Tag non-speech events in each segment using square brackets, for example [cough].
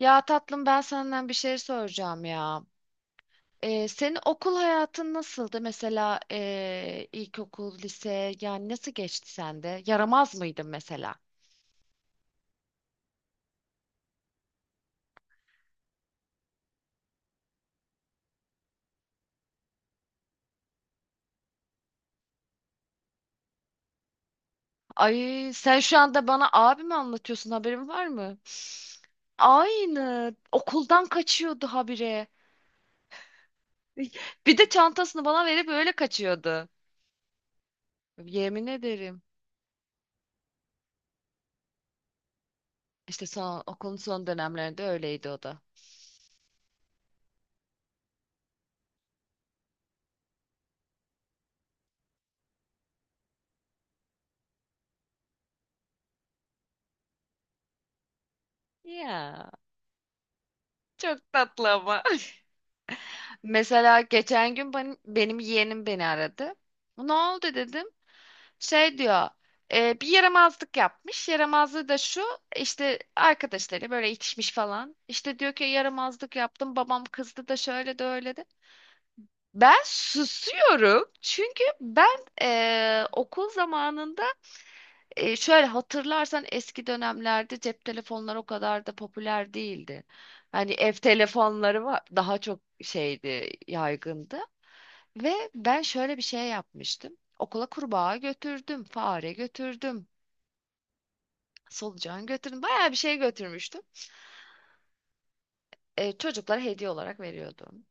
Ya tatlım ben senden bir şey soracağım ya. Senin okul hayatın nasıldı? Mesela ilkokul, lise yani nasıl geçti sende? Yaramaz mıydın mesela? Ay sen şu anda bana abi mi anlatıyorsun haberin var mı? Aynı okuldan kaçıyordu habire. Bir de çantasını bana verip öyle kaçıyordu. Yemin ederim. İşte son, okulun son dönemlerinde öyleydi o da. Ya çok tatlı ama. [laughs] Mesela geçen gün benim yeğenim beni aradı. Ne oldu dedim. Şey diyor, "E, bir yaramazlık yapmış. Yaramazlığı da şu, işte arkadaşları böyle itişmiş falan. İşte diyor ki yaramazlık yaptım, babam kızdı da şöyle de öyle de. Ben susuyorum çünkü ben okul zamanında şöyle hatırlarsan eski dönemlerde cep telefonları o kadar da popüler değildi. Hani ev telefonları var, daha çok şeydi, yaygındı. Ve ben şöyle bir şey yapmıştım. Okula kurbağa götürdüm, fare götürdüm, solucan götürdüm. Bayağı bir şey götürmüştüm. Çocuklara hediye olarak veriyordum.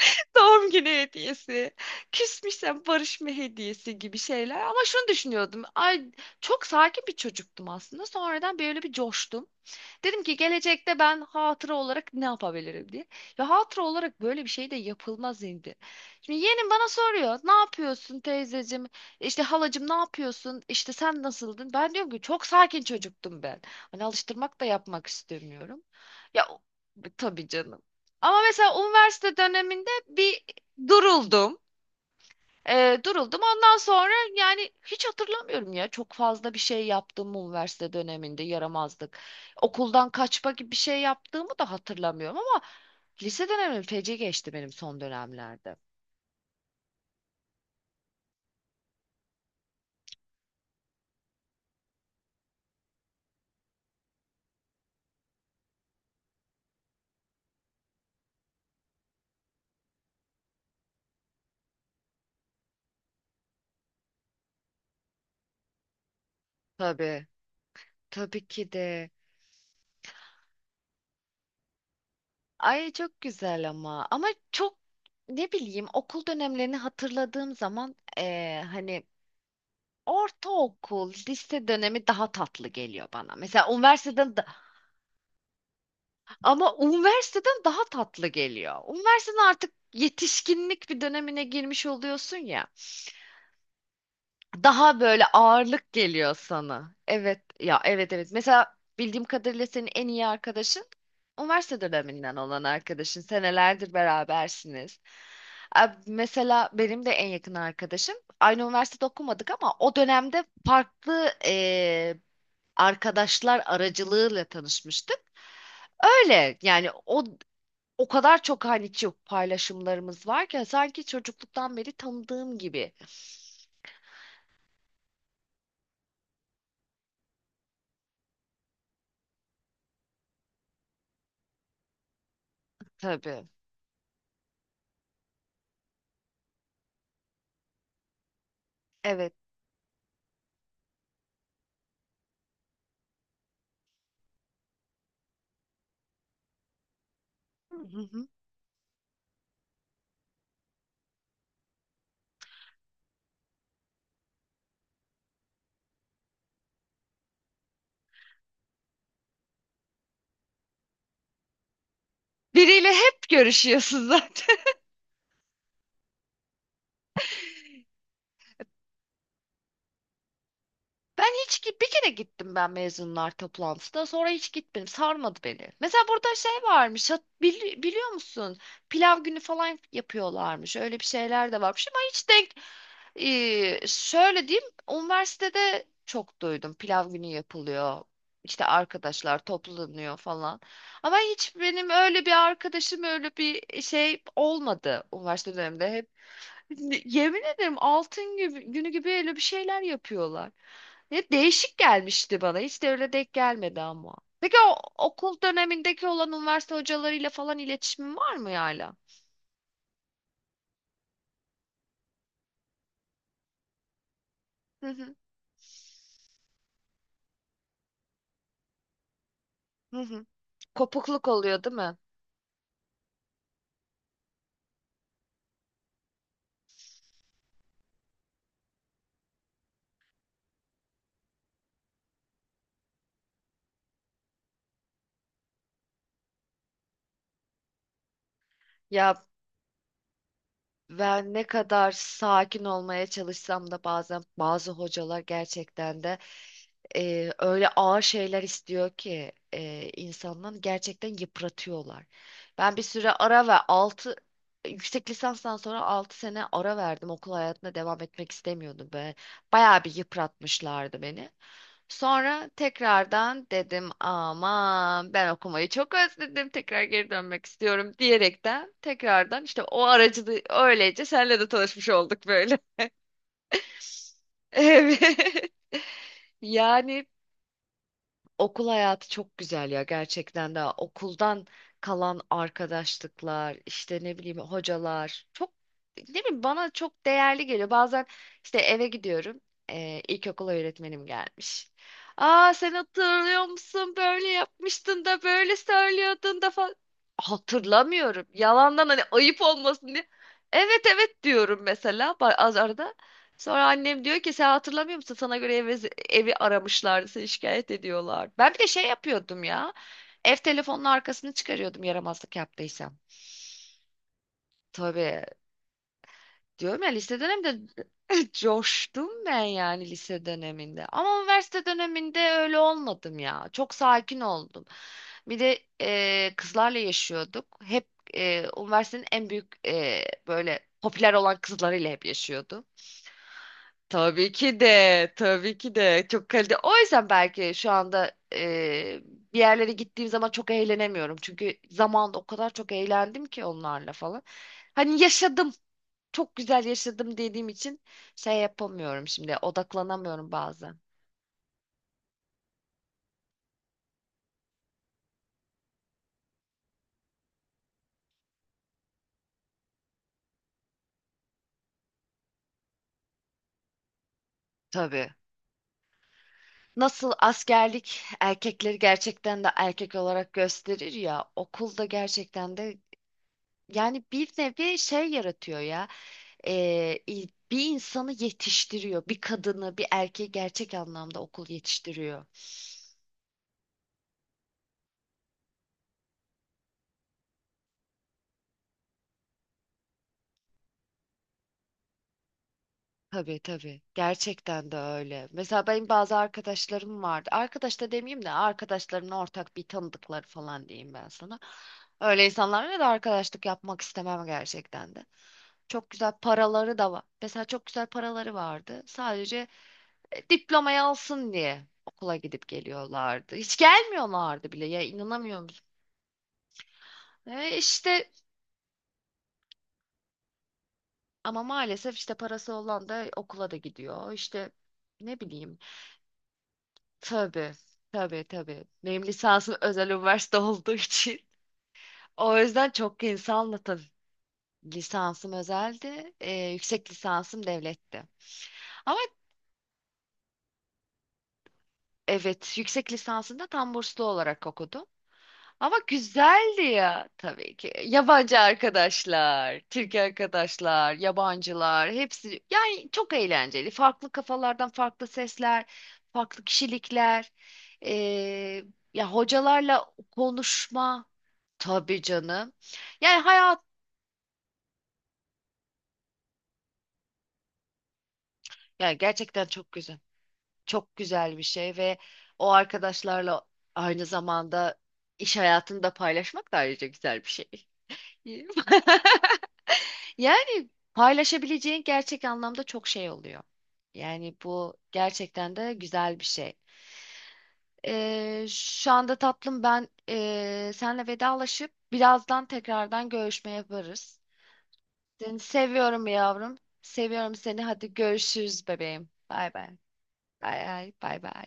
[laughs] Doğum günü hediyesi, küsmüşsem barışma hediyesi gibi şeyler. Ama şunu düşünüyordum. Ay çok sakin bir çocuktum aslında. Sonradan böyle bir coştum. Dedim ki gelecekte ben hatıra olarak ne yapabilirim diye. Ve hatıra olarak böyle bir şey de yapılmaz indi. Şimdi yeğenim bana soruyor. Ne yapıyorsun teyzecim? İşte halacım ne yapıyorsun? İşte sen nasıldın? Ben diyorum ki çok sakin çocuktum ben. Hani alıştırmak da yapmak istemiyorum. Ya tabii canım. Ama mesela üniversite döneminde bir duruldum. Duruldum. Ondan sonra yani hiç hatırlamıyorum ya. Çok fazla bir şey yaptığımı üniversite döneminde yaramazlık. Okuldan kaçma gibi bir şey yaptığımı da hatırlamıyorum ama lise dönemim feci geçti benim son dönemlerde. Tabii, tabii ki de. Ay çok güzel ama ama çok ne bileyim okul dönemlerini hatırladığım zaman hani ortaokul, lise dönemi daha tatlı geliyor bana. Mesela üniversiteden ama üniversiteden daha tatlı geliyor. Üniversiteden artık yetişkinlik bir dönemine girmiş oluyorsun ya. Daha böyle ağırlık geliyor sana. Evet ya, evet evet. Mesela bildiğim kadarıyla senin en iyi arkadaşın üniversite döneminden olan arkadaşın. Senelerdir berabersiniz. Mesela benim de en yakın arkadaşım. Aynı üniversitede okumadık ama o dönemde farklı arkadaşlar aracılığıyla tanışmıştık. Öyle yani o kadar çok hani çok paylaşımlarımız var ki hani, sanki çocukluktan beri tanıdığım gibi. Tabii. Evet. Hı hı. Biriyle hep görüşüyorsun [laughs] zaten. Ben bir kere gittim ben mezunlar toplantısına sonra hiç gitmedim sarmadı beni. Mesela burada şey varmış biliyor musun pilav günü falan yapıyorlarmış öyle bir şeyler de varmış ama hiç denk. Şöyle diyeyim üniversitede çok duydum pilav günü yapılıyor, İşte arkadaşlar toplanıyor falan ama hiç benim öyle bir arkadaşım öyle bir şey olmadı üniversite döneminde. Yemin ederim altın gibi, günü gibi öyle bir şeyler yapıyorlar. Ne değişik gelmişti bana. Hiç de öyle denk gelmedi ama. Peki o okul dönemindeki olan üniversite hocalarıyla falan iletişimin var mı hala? Hı hı, hı hı. Kopukluk oluyor değil mi? Ya ve ne kadar sakin olmaya çalışsam da bazen bazı hocalar gerçekten de öyle ağır şeyler istiyor ki insandan gerçekten yıpratıyorlar. Ben bir süre ara ve 6 yüksek lisanstan sonra 6 sene ara verdim. Okul hayatına devam etmek istemiyordum. Böyle bayağı bir yıpratmışlardı beni. Sonra tekrardan dedim aman ben okumayı çok özledim tekrar geri dönmek istiyorum diyerekten tekrardan işte o aracılığı öylece senle de tanışmış olduk böyle. [laughs] Evet. Yani okul hayatı çok güzel ya gerçekten de okuldan kalan arkadaşlıklar işte ne bileyim hocalar çok ne bileyim bana çok değerli geliyor. Bazen işte eve gidiyorum ilkokul öğretmenim gelmiş. Aa sen hatırlıyor musun böyle yapmıştın da böyle söylüyordun da falan. Hatırlamıyorum yalandan hani ayıp olmasın diye. Evet evet diyorum mesela az arada. Sonra annem diyor ki sen hatırlamıyor musun? Sana göre evi aramışlardı, seni şikayet ediyorlar. Ben bir de şey yapıyordum ya. Ev telefonunun arkasını çıkarıyordum yaramazlık yaptıysam. Tabii diyorum ya lise döneminde [laughs] coştum ben yani lise döneminde. Ama üniversite döneminde öyle olmadım ya. Çok sakin oldum. Bir de kızlarla yaşıyorduk. Hep üniversitenin en büyük böyle popüler olan kızlarıyla hep yaşıyordum. Tabii ki de, tabii ki de çok kaliteli. O yüzden belki şu anda bir yerlere gittiğim zaman çok eğlenemiyorum. Çünkü zamanında o kadar çok eğlendim ki onlarla falan. Hani yaşadım, çok güzel yaşadım dediğim için şey yapamıyorum şimdi, odaklanamıyorum bazen. Tabii. Nasıl askerlik erkekleri gerçekten de erkek olarak gösterir ya, okulda gerçekten de yani bir nevi şey yaratıyor ya. Bir insanı yetiştiriyor. Bir kadını, bir erkeği gerçek anlamda okul yetiştiriyor. Tabii tabii. Gerçekten de öyle. Mesela benim bazı arkadaşlarım vardı. Arkadaş da demeyeyim de arkadaşlarımın ortak bir tanıdıkları falan diyeyim ben sana. Öyle insanlarla da arkadaşlık yapmak istemem gerçekten de. Çok güzel paraları da var. Mesela çok güzel paraları vardı. Sadece diplomayı alsın diye okula gidip geliyorlardı. Hiç gelmiyorlardı bile ya, inanamıyor musun? E işte ama maalesef işte parası olan da okula da gidiyor. İşte ne bileyim. Tabii, tabii, tabii. Benim lisansım [laughs] özel üniversite olduğu için. O yüzden çok insanla tabii. Lisansım özeldi, yüksek lisansım devletti. Ama evet, yüksek lisansında tam burslu olarak okudum. Ama güzeldi ya tabii ki. Yabancı arkadaşlar, Türk arkadaşlar, yabancılar hepsi yani çok eğlenceli. Farklı kafalardan farklı sesler, farklı kişilikler. Ee, Ya hocalarla konuşma tabii canım. Yani hayat yani gerçekten çok güzel. Çok güzel bir şey ve o arkadaşlarla aynı zamanda iş hayatını da paylaşmak da ayrıca güzel bir şey. [laughs] Yani paylaşabileceğin gerçek anlamda çok şey oluyor. Yani bu gerçekten de güzel bir şey. Şu anda tatlım ben senle vedalaşıp birazdan tekrardan görüşme yaparız. Seni seviyorum yavrum. Seviyorum seni. Hadi görüşürüz bebeğim. Bay bay. Bay bay. Bay bay.